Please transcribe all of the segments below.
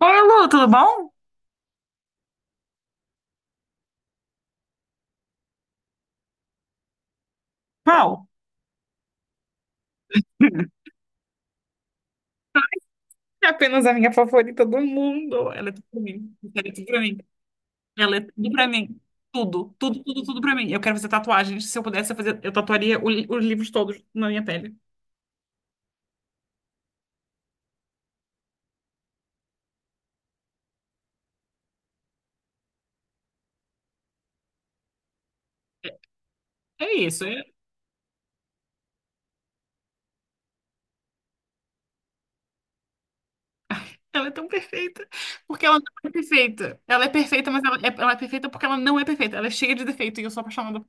Oi, Lu, tudo bom? Qual? É apenas a minha favorita do mundo. Ela é tudo pra mim. Ela é tudo pra mim. Ela é tudo pra mim. Tudo, tudo, tudo, tudo pra mim. Eu quero fazer tatuagens. Se eu pudesse, eu tatuaria os livros todos na minha pele. É isso. Ela é tão perfeita. Porque ela não é perfeita. Ela é perfeita, mas ela é perfeita porque ela não é perfeita. Ela é cheia de defeito e eu sou apaixonada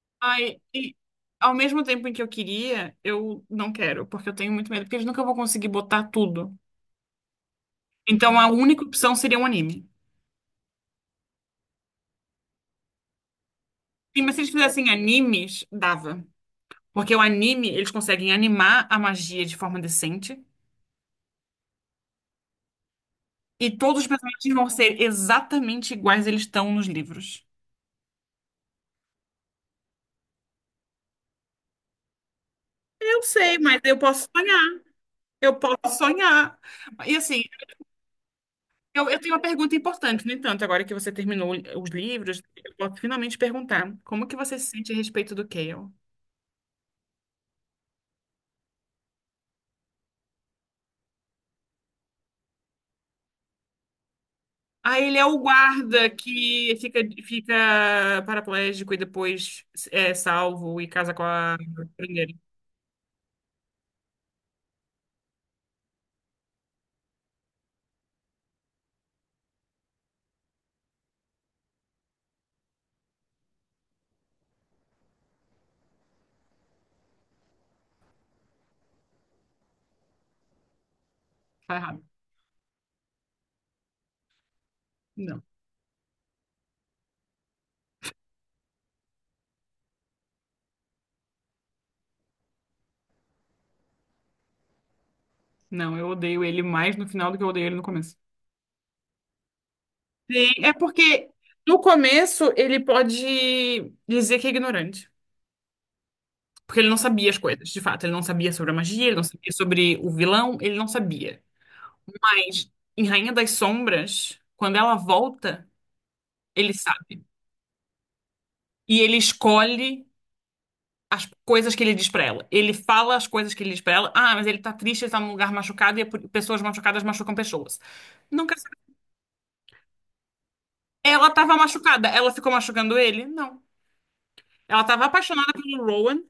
ela. Ai, e ao mesmo tempo em que eu queria, eu não quero. Porque eu tenho muito medo. Porque eles nunca vão conseguir botar tudo. Então a única opção seria um anime. Sim, mas se eles fizessem animes, dava. Porque o anime, eles conseguem animar a magia de forma decente. E todos os personagens vão ser exatamente iguais eles estão nos livros. Eu sei, mas eu posso sonhar. Eu posso sonhar. E assim, eu tenho uma pergunta importante. No entanto, agora que você terminou os livros, eu posso finalmente perguntar como que você se sente a respeito do Kael? Ah, ele é o guarda que fica paraplégico e depois é salvo e casa com a primeira. Tá errado. Não, não, eu odeio ele mais no final do que eu odeio ele no começo. Sim, é porque no começo ele pode dizer que é ignorante. Porque ele não sabia as coisas, de fato. Ele não sabia sobre a magia, ele não sabia sobre o vilão, ele não sabia. Mas em Rainha das Sombras, quando ela volta, ele sabe. E ele escolhe as coisas que ele diz pra ela. Ele fala as coisas que ele diz pra ela. Ah, mas ele tá triste, ele tá num lugar machucado e pessoas machucadas machucam pessoas. Não quero saber. Ela tava machucada, ela ficou machucando ele? Não. Ela estava apaixonada pelo Rowan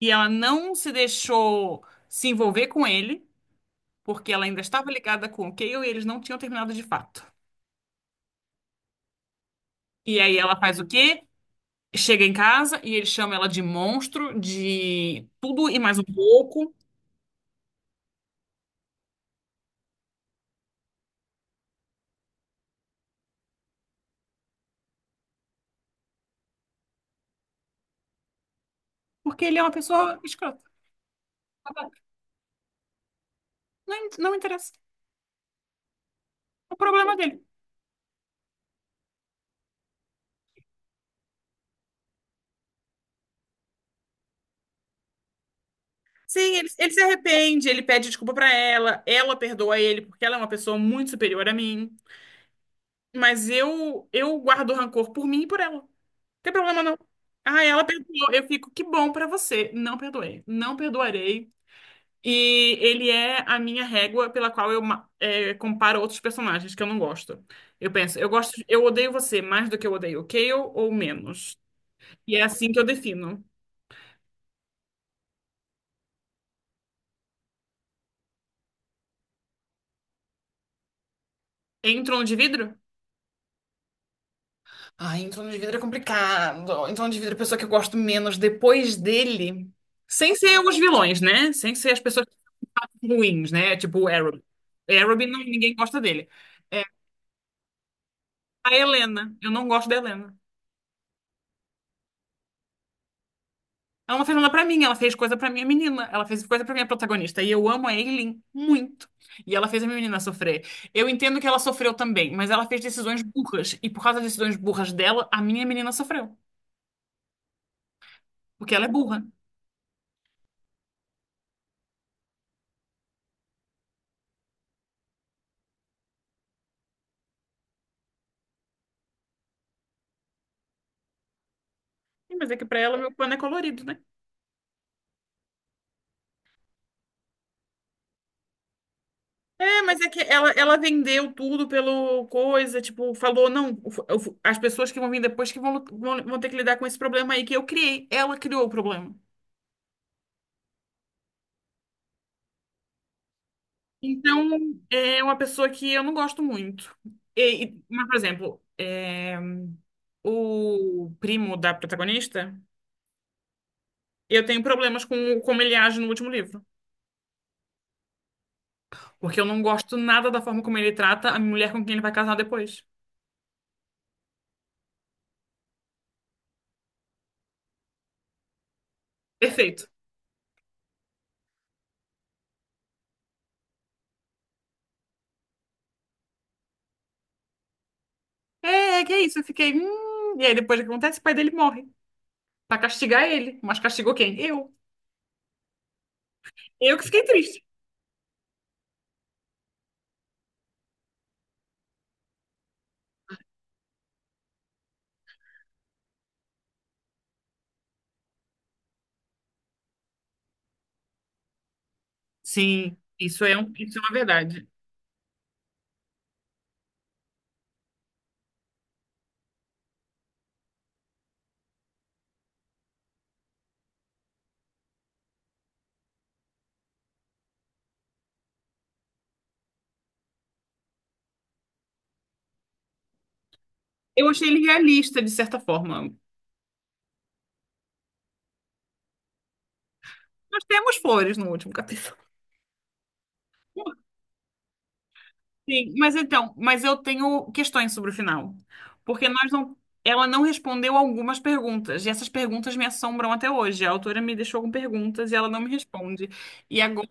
e ela não se deixou se envolver com ele, porque ela ainda estava ligada com o Cale e eles não tinham terminado de fato. E aí ela faz o quê? Chega em casa e ele chama ela de monstro, de tudo e mais um pouco, porque ele é uma pessoa escrota. Não, não interessa. É o problema dele. Sim, ele se arrepende, ele pede desculpa pra ela, ela perdoa ele porque ela é uma pessoa muito superior a mim, mas eu guardo rancor por mim e por ela. Tem problema não. Ah, ela perdoou. Eu fico, que bom pra você. Não perdoei. Não perdoarei. E ele é a minha régua pela qual comparo outros personagens que eu não gosto. Eu penso, eu gosto, eu odeio você mais do que eu odeio o Cale ou menos. E é assim que eu defino. Em Trono de Vidro? Ai, em Trono de Vidro é complicado. Em Trono de Vidro é a pessoa que eu gosto menos depois dele. Sem ser os vilões, né? Sem ser as pessoas ruins, né? Tipo o Arrow. Arrow, ninguém gosta dele. A Helena. Eu não gosto da Helena. Ela não fez nada pra mim, ela fez coisa pra minha menina. Ela fez coisa pra minha protagonista. E eu amo a Aileen muito. E ela fez a minha menina sofrer. Eu entendo que ela sofreu também, mas ela fez decisões burras. E por causa das decisões burras dela, a minha menina sofreu. Porque ela é burra. Sim, mas é que pra ela meu pano é colorido, né? É, mas é que ela vendeu tudo pelo coisa, tipo, falou, não, o as pessoas que vão vir depois que vão ter que lidar com esse problema aí que eu criei. Ela criou o problema. Então, é uma pessoa que eu não gosto muito. Mas, por exemplo, o primo da protagonista, eu tenho problemas com como ele age no último livro. Porque eu não gosto nada da forma como ele trata a mulher com quem ele vai casar depois. Perfeito. É, é que é isso. Eu fiquei e aí, depois o que acontece? O pai dele morre. Pra castigar ele. Mas castigou quem? Eu. Eu que fiquei triste. Sim, isso é uma verdade. Eu achei ele realista, de certa forma. Nós temos flores no último capítulo. Sim, mas então, mas eu tenho questões sobre o final. Porque nós não, ela não respondeu algumas perguntas, e essas perguntas me assombram até hoje. A autora me deixou com perguntas e ela não me responde. E agora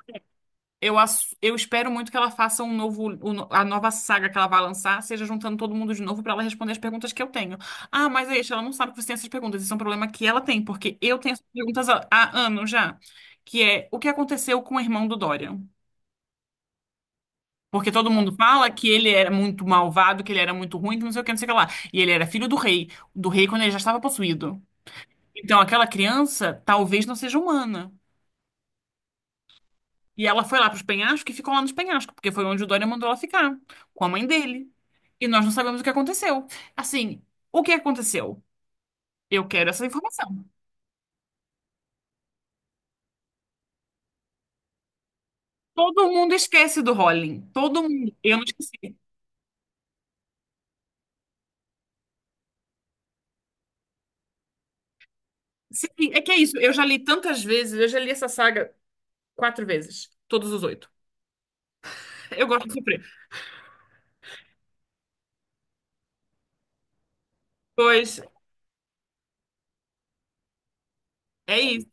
eu espero muito que ela faça um novo, o no- a nova saga que ela vai lançar, seja juntando todo mundo de novo para ela responder as perguntas que eu tenho. Ah, mas é isso, ela não sabe que você tem essas perguntas. Isso é um problema que ela tem, porque eu tenho essas perguntas há anos já, que é o que aconteceu com o irmão do Dorian? Porque todo mundo fala que ele era muito malvado, que ele era muito ruim, que não sei o que, não sei o que lá. E ele era filho do rei quando ele já estava possuído. Então aquela criança talvez não seja humana. E ela foi lá para os penhascos e ficou lá nos penhascos, porque foi onde o Dória mandou ela ficar, com a mãe dele. E nós não sabemos o que aconteceu. Assim, o que aconteceu? Eu quero essa informação. Todo mundo esquece do Rowling. Todo mundo. Eu não esqueci. Sim, é que é isso. Eu já li tantas vezes, eu já li essa saga quatro vezes. Todos os oito. Eu gosto de sofrer. Pois é isso.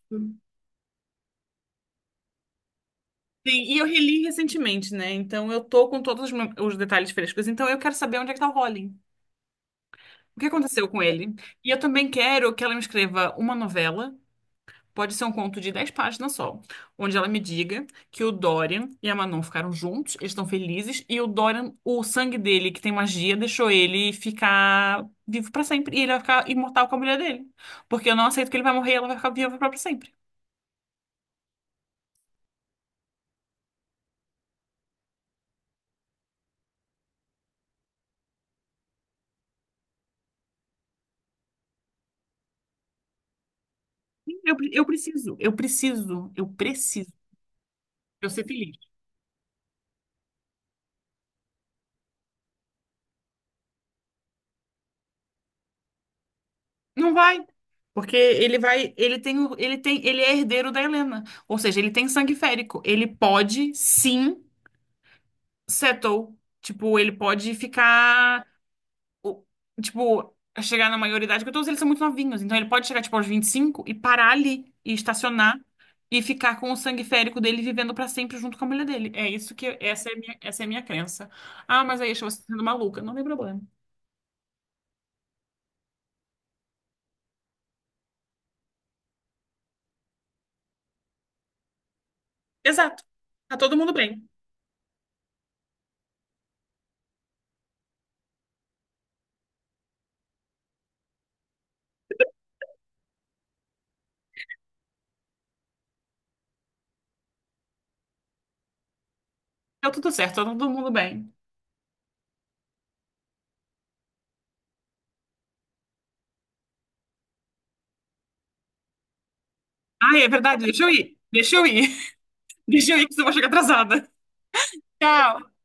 Sim, e eu reli recentemente, né? Então eu tô com todos os os detalhes frescos. Então eu quero saber onde é que tá o Rowling. O que aconteceu com ele? E eu também quero que ela me escreva uma novela, pode ser um conto de 10 páginas só, onde ela me diga que o Dorian e a Manon ficaram juntos, eles estão felizes, e o Dorian, o sangue dele, que tem magia, deixou ele ficar vivo pra sempre. E ele vai ficar imortal com a mulher dele. Porque eu não aceito que ele vai morrer e ela vai ficar viva pra sempre. Eu preciso, eu preciso, eu preciso. Eu ser feliz. Não vai. Porque ele vai, ele tem, ele tem, ele é herdeiro da Helena. Ou seja, ele tem sangue férico. Ele pode, sim, settle. Tipo, ele pode ficar, o- tipo, chegar na maioridade, porque todos eles são muito novinhos. Então ele pode chegar, tipo, aos 25 e cinco e parar ali, e estacionar, e ficar com o sangue férico dele vivendo pra sempre junto com a mulher dele. É isso que, essa é a minha crença. Ah, mas aí, acho você tá sendo maluca. Não tem problema. Exato. Tá todo mundo bem. Deu tudo certo, tá todo mundo bem. Ai, é verdade, deixa eu ir. Deixa eu ir. Deixa eu ir que você vai chegar atrasada. Tchau.